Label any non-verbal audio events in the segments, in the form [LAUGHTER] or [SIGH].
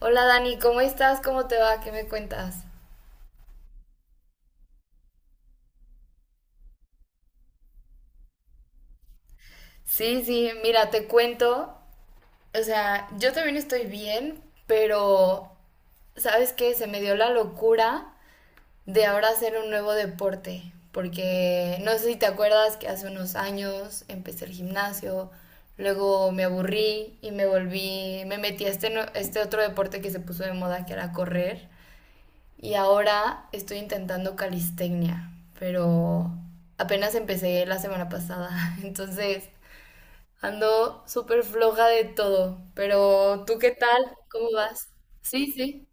Hola Dani, ¿cómo estás? ¿Cómo te va? ¿Qué me cuentas? Sí, sí, mira, te cuento. O sea, yo también estoy bien, pero ¿sabes qué? Se me dio la locura de ahora hacer un nuevo deporte, porque no sé si te acuerdas que hace unos años empecé el gimnasio, luego me aburrí y me volví, me metí a este, este otro deporte que se puso de moda que era correr. Y ahora estoy intentando calistecnia, pero apenas empecé la semana pasada. [LAUGHS] Entonces ando súper floja de todo. Pero ¿tú qué tal? ¿Cómo vas? Sí, sí.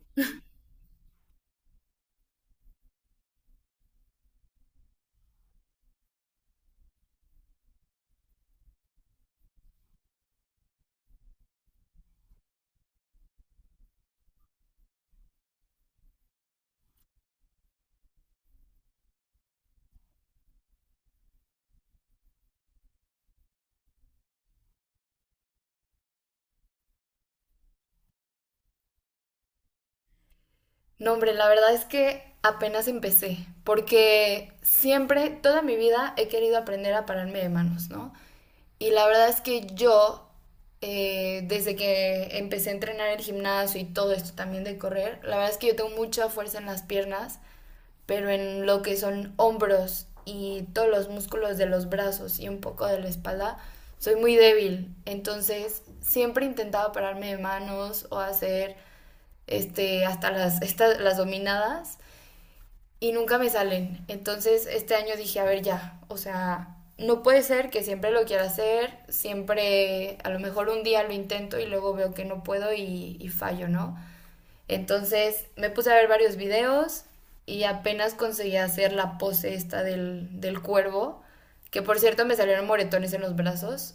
No, hombre, la verdad es que apenas empecé, porque siempre, toda mi vida, he querido aprender a pararme de manos, ¿no? Y la verdad es que yo, desde que empecé a entrenar el gimnasio y todo esto también de correr, la verdad es que yo tengo mucha fuerza en las piernas, pero en lo que son hombros y todos los músculos de los brazos y un poco de la espalda, soy muy débil. Entonces, siempre intentaba pararme de manos o hacer este, hasta las, [LAUGHS] estas, las dominadas y nunca me salen. Entonces, este año dije, a ver ya, o sea, no puede ser que siempre lo quiera hacer, siempre, a lo mejor un día lo intento y luego veo que no puedo y fallo, ¿no? Entonces me puse a ver varios videos y apenas conseguí hacer la pose esta del cuervo, que por cierto me salieron moretones en los brazos,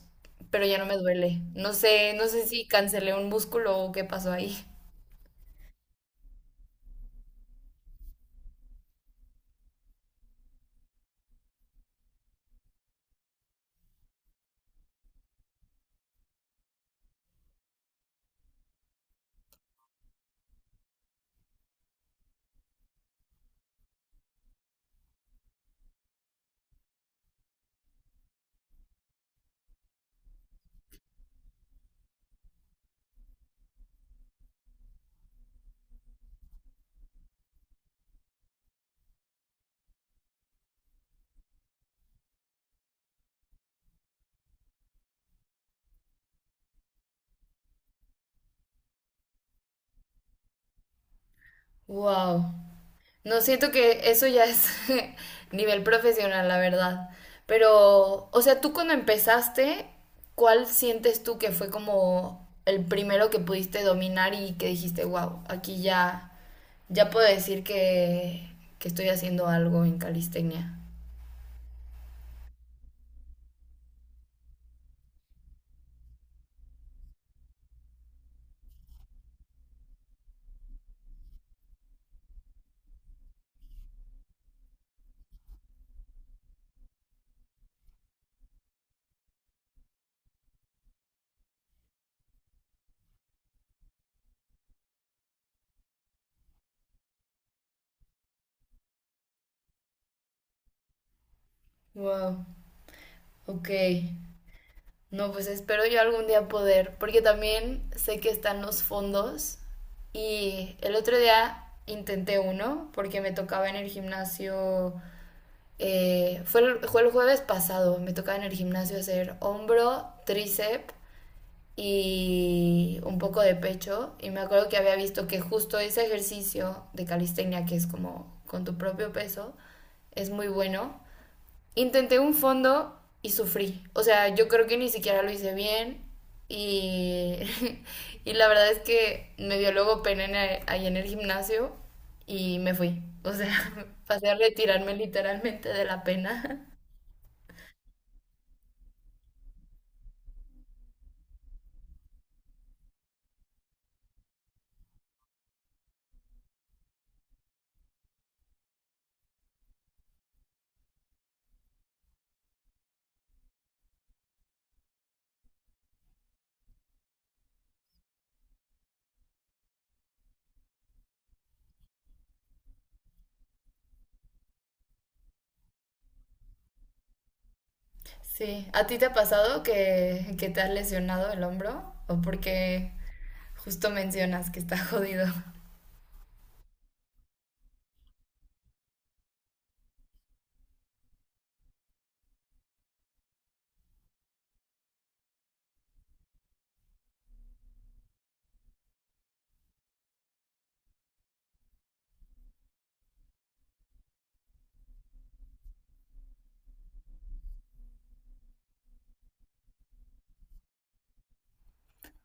pero ya no me duele. No sé, no sé si cancelé un músculo o qué pasó ahí. Wow. No, siento que eso ya es [LAUGHS] nivel profesional, la verdad. Pero, o sea, tú cuando empezaste, ¿cuál sientes tú que fue como el primero que pudiste dominar y que dijiste, wow, aquí ya, ya puedo decir que estoy haciendo algo en calistenia? Wow, ok. No, pues espero yo algún día poder, porque también sé que están los fondos y el otro día intenté uno porque me tocaba en el gimnasio. Fue el jueves pasado, me tocaba en el gimnasio hacer hombro, tríceps y un poco de pecho. Y me acuerdo que había visto que justo ese ejercicio de calistenia, que es como con tu propio peso, es muy bueno. Intenté un fondo y sufrí. O sea, yo creo que ni siquiera lo hice bien y, [LAUGHS] y la verdad es que me dio luego pena en ahí en el gimnasio y me fui. O sea, [LAUGHS] pasé a retirarme literalmente de la pena. [LAUGHS] Sí, ¿a ti te ha pasado que te has lesionado el hombro? ¿O porque justo mencionas que está [LAUGHS] jodido?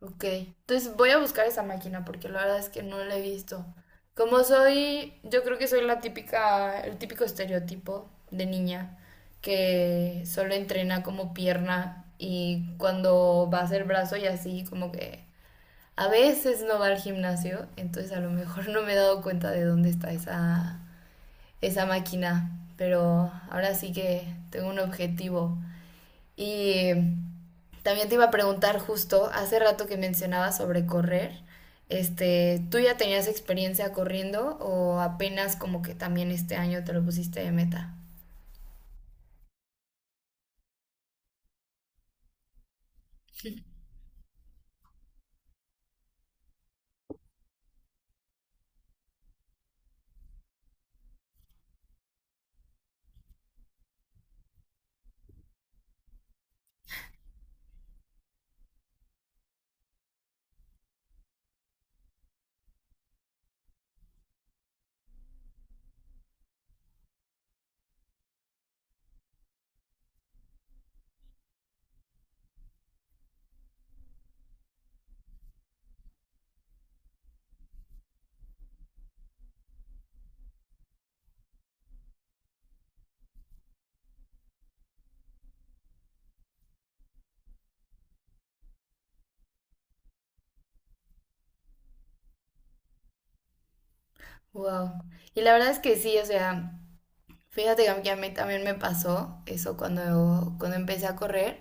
Ok, entonces voy a buscar esa máquina porque la verdad es que no la he visto. Como soy, yo creo que soy la típica, el típico estereotipo de niña que solo entrena como pierna y cuando va a hacer brazo y así, como que a veces no va al gimnasio, entonces a lo mejor [LAUGHS] no me he dado cuenta de dónde está esa, esa máquina, pero ahora sí que tengo un objetivo. Y también te iba a preguntar justo, hace rato que mencionabas sobre correr, este, ¿tú ya tenías experiencia corriendo o apenas como que también este año te lo pusiste de meta? Wow. Y la verdad es que sí, o sea, fíjate que a mí también me pasó eso cuando empecé a correr.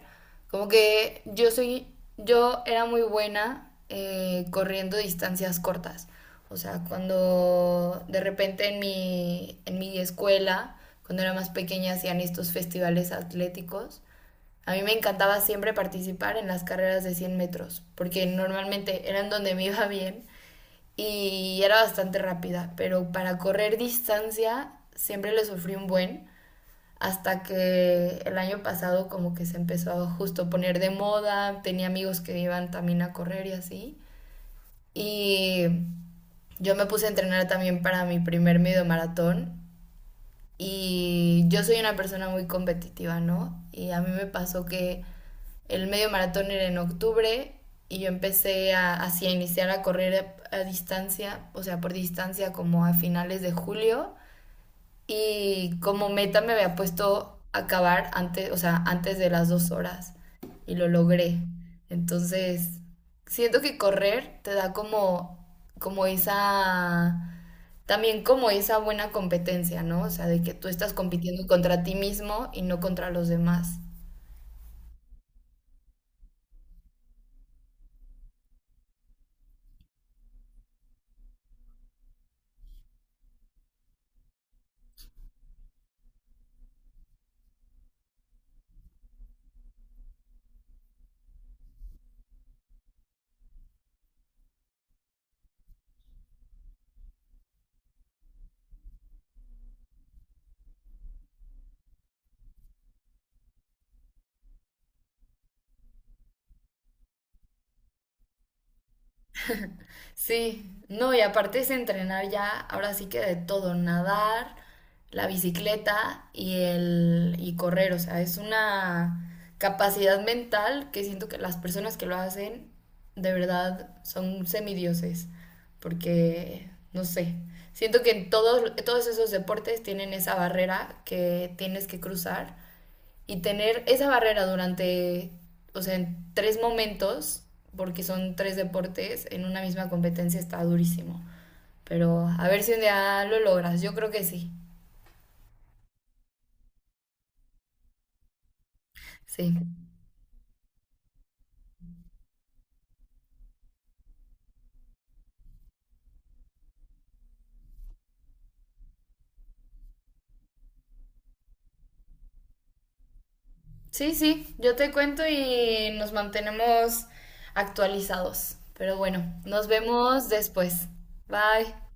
Como que yo soy, yo era muy buena corriendo distancias cortas. O sea, cuando de repente en en mi escuela, cuando era más pequeña, hacían estos festivales atléticos. A mí me encantaba siempre participar en las carreras de 100 metros, porque normalmente eran donde me iba bien y era bastante rápida, pero para correr distancia siempre le sufrí un buen hasta que el año pasado como que se empezó a justo poner de moda, tenía amigos que iban también a correr y así. Y yo me puse a entrenar también para mi primer medio maratón y yo soy una persona muy competitiva, ¿no? Y a mí me pasó que el medio maratón era en octubre y yo empecé a, así a iniciar a correr a distancia, o sea, por distancia como a finales de julio y como meta me había puesto acabar antes, o sea, antes de las 2 horas y lo logré. Entonces, siento que correr te da como, como esa, también como esa buena competencia, ¿no? O sea, de que tú estás compitiendo contra ti mismo y no contra los demás. Sí, no, y aparte es entrenar ya, ahora sí que de todo, nadar, la bicicleta y correr, o sea, es una capacidad mental que siento que las personas que lo hacen de verdad son semidioses, porque no sé, siento que en todos esos deportes tienen esa barrera que tienes que cruzar y tener esa barrera durante, o sea, en tres momentos, porque son tres deportes, en una misma competencia está durísimo. Pero a ver si un día lo logras, yo creo que sí. Sí, sí, yo te cuento y nos mantenemos actualizados. Pero bueno, nos vemos después. Bye.